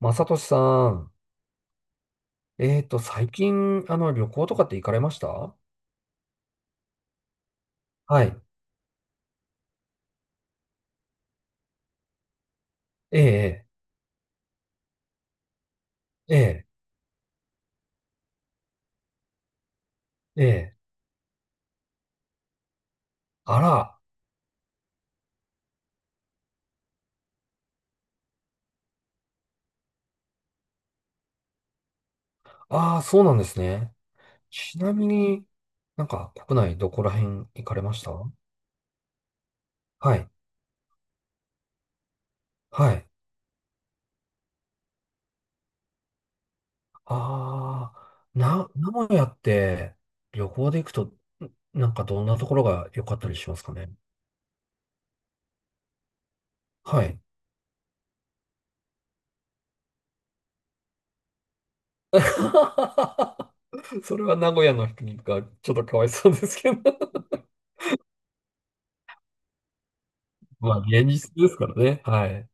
まさとしさん、最近、旅行とかって行かれました？はい。ええ、ええ、ええ。あら、ああ、そうなんですね。ちなみに、なんか国内どこら辺行かれました？はい、はい。ああ、名古屋って旅行で行くと、なんかどんなところが良かったりしますかね？はい。それは名古屋の人にがちょっとかわいそうですけど。まあ、現実ですからね。はい。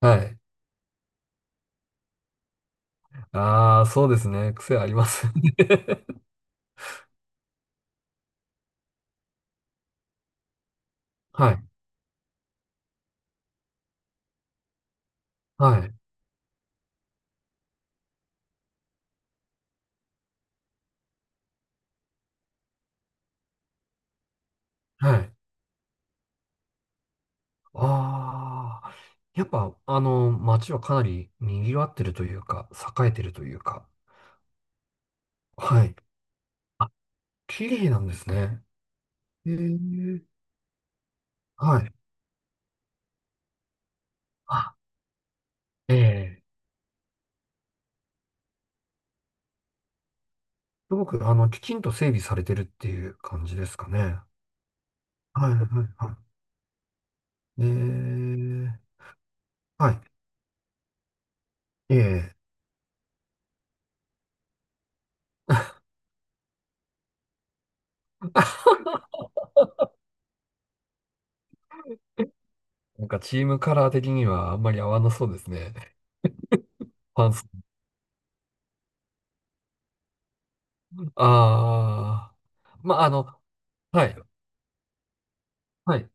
はい。ああ、そうですね。癖ありますね。はい。はい。はい。ああ。やっぱ、街はかなり賑わってるというか、栄えてるというか。はい。あ、綺麗なんですね。へえ。はい。あ、ええ。すごく、きちんと整備されてるっていう感じですかね。はい、はい、はい。ええ、はい。ええ。なんかチームカラー的にはあんまり合わなそうですね。ファンス。ああ。まあ、はい。はい。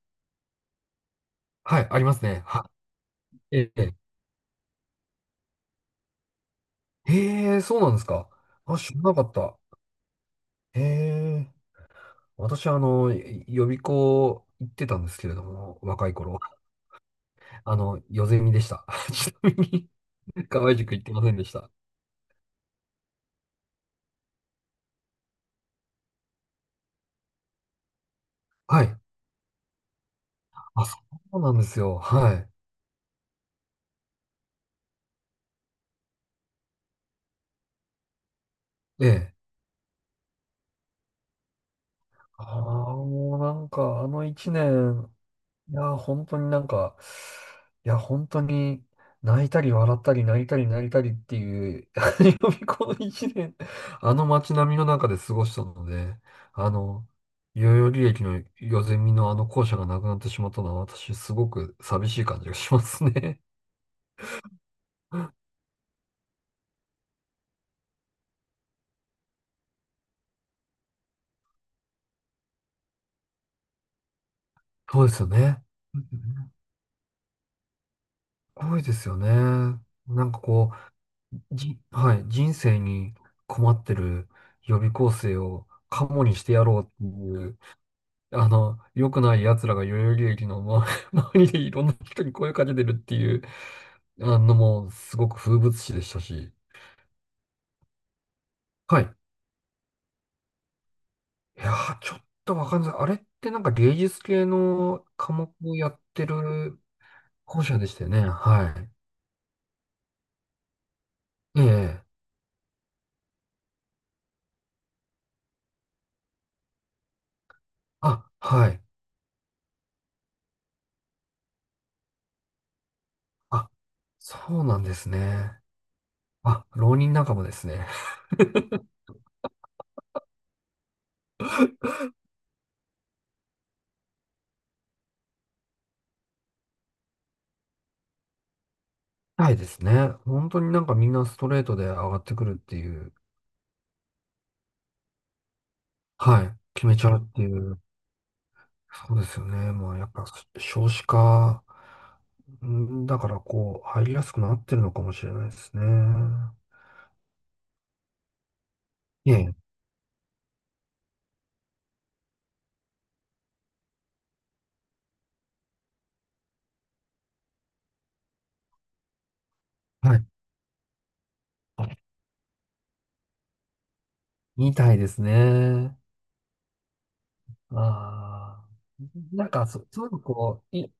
はい。ありますね。はい。ええ。へえ、そうなんですか。あ、知らなかった。へえ。私、予備校行ってたんですけれども、若い頃。ヨゼミでした。ちなみに、河合塾行ってませんでした。はい。あ、そうなんですよ。はい。ええ。ああ、もうなんか、あの一年、いやー、本当になんか、いや、本当に泣いたり笑ったり泣いたり泣いたりっていう、予備校の一年、あの街並みの中で過ごしたので、あの、代々木駅のヨゼミのあの校舎がなくなってしまったのは私すごく寂しい感じがしますね。そうですよね。うん、すごいですよね。なんかこう、はい、人生に困ってる予備校生をカモにしてやろうっていう良くない奴らが代々木駅の周り 周りでいろんな人に声かけてるっていう、もう、すごく風物詩でしたし。はい。いやー、ちょっとわかんない。あれってなんか芸術系の科目をやってる校舎でしたよね。はい。ええ。あ、はい。あ、そうなんですね。あ、浪人仲間ですね。はいですね。本当になんかみんなストレートで上がってくるっていう。はい。決めちゃうっていう。そうですよね。まあ、やっぱ少子化、だからこう、入りやすくなってるのかもしれないですね。ええ、はい。みたいですね。ああ。なんか、そういうのこう、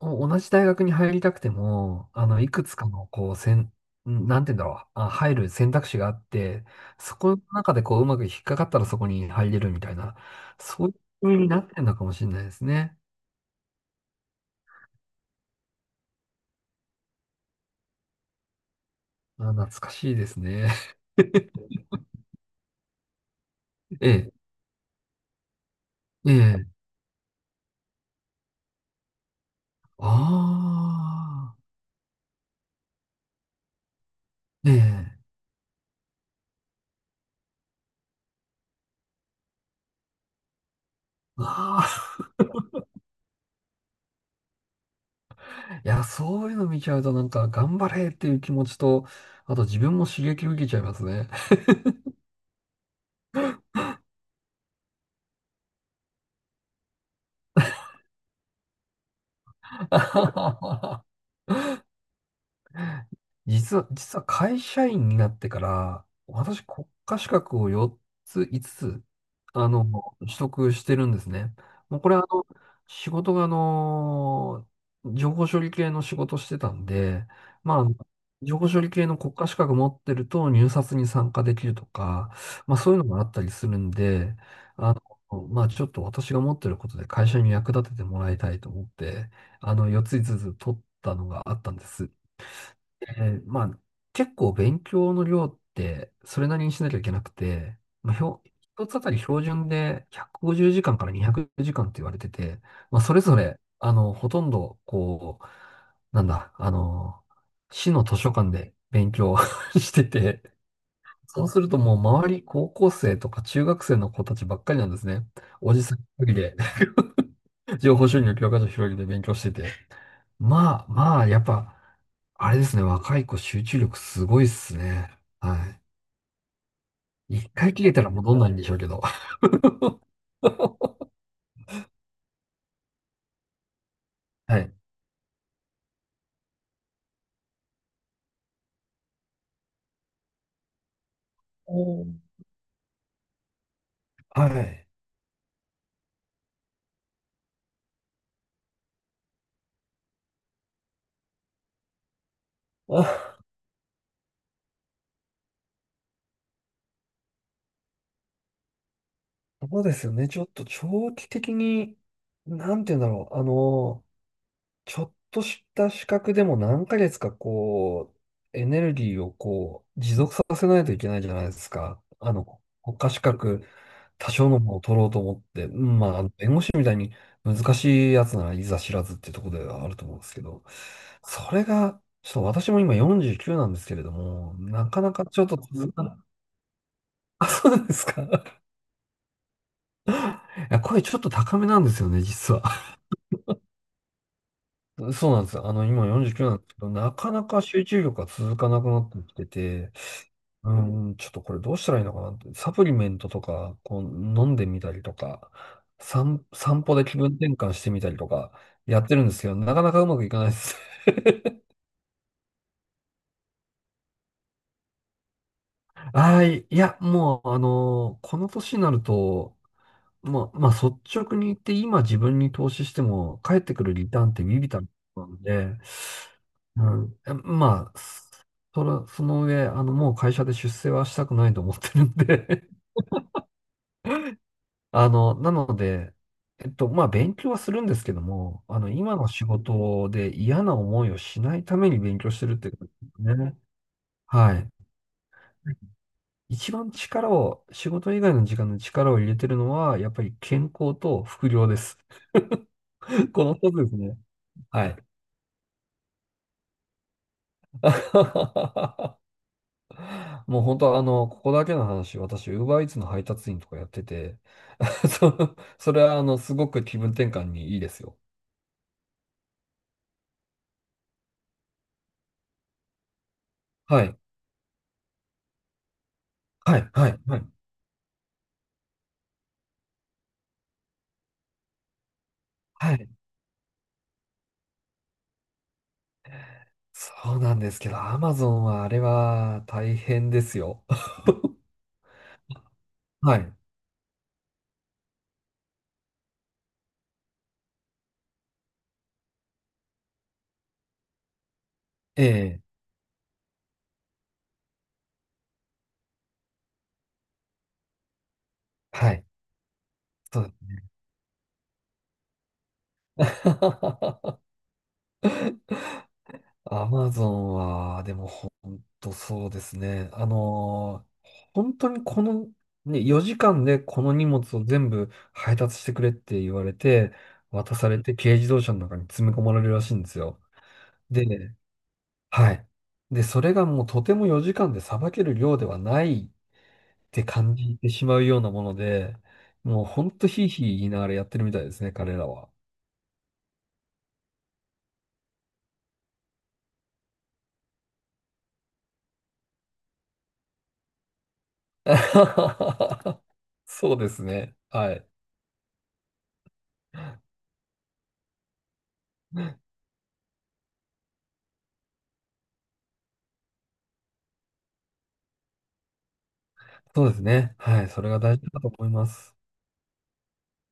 同じ大学に入りたくても、いくつかの、こう、せん、んなんて言うんだろう、あ、入る選択肢があって、そこの中でこう、うまく引っかかったらそこに入れるみたいな、そういう風になってるのかもしれないですね。あ、懐かしいですね。ええ、ええ、ああ、ええ、ああ、いや、そういうの見ちゃうとなんか頑張れっていう気持ちと、あと自分も刺激受けちゃいますね。実は、実は会社員になってから、私国家資格を4つ、5つつ、あの、取得してるんですね。もうこれ仕事が情報処理系の仕事してたんで、まあ、情報処理系の国家資格持ってると入札に参加できるとか、まあそういうのがあったりするんで、あまあちょっと私が持ってることで会社に役立ててもらいたいと思って、4つ5つつ取ったのがあったんです。まあ、結構勉強の量ってそれなりにしなきゃいけなくて、まあ、一つあたり標準で150時間から200時間って言われてて、まあ、それぞれ、ほとんど、こう、なんだ、市の図書館で勉強 してて、そうするともう周り高校生とか中学生の子たちばっかりなんですね。おじさん一人で 情報収入教科書広げて勉強してて。まあ、まあ、やっぱ、あれですね、若い子集中力すごいっすね。はい。一回切れたら戻んないんでしょうけど。はい。うん。はい。あ、そうですよね。ちょっと長期的に、なんて言うんだろう。ちょっとした資格でも何ヶ月かこう、エネルギーをこう、持続させないといけないじゃないですか。国家資格、多少のものを取ろうと思って、うん、まあ、弁護士みたいに難しいやつならいざ知らずっていうところではあると思うんですけど、それが、ちょっと私も今49なんですけれども、なかなかちょっと続かない。あ、そうなんですか。いや、声ちょっと高めなんですよね、実は。そうなんです。今49なんですけど、なかなか集中力が続かなくなってきてて、うん、うん、ちょっとこれどうしたらいいのかなって、サプリメントとか、こう、飲んでみたりとか、散歩で気分転換してみたりとか、やってるんですけど、なかなかうまくいかないです。ああ、いや、もう、この年になると、まあ、まあ、率直に言って今自分に投資しても返ってくるリターンって微々たるものなんで、うん、まあ、その上、もう会社で出世はしたくないと思ってるんで なので、まあ、勉強はするんですけども、今の仕事で嫌な思いをしないために勉強してるってことですね。はい。一番力を、仕事以外の時間の力を入れてるのは、やっぱり健康と副業です。この2つですね。はい。もう本当ここだけの話、私、ウーバーイーツの配達員とかやってて、それはすごく気分転換にいいですよ。はい。はい。はい。はい。はい。そうなんですけど、アマゾンはあれは大変ですよ。はい。ええ。はい。そうですね。アマゾンは、でもほんとそうですね。本当にこの、ね、4時間でこの荷物を全部配達してくれって言われて、渡されて軽自動車の中に詰め込まれるらしいんですよ。で、はい。で、それがもうとても4時間でさばける量ではないって感じてしまうようなもので、もうほんとひいひい言いながらやってるみたいですね、彼らは。そうですね。はい。そうですね。はい。それが大事だと思います。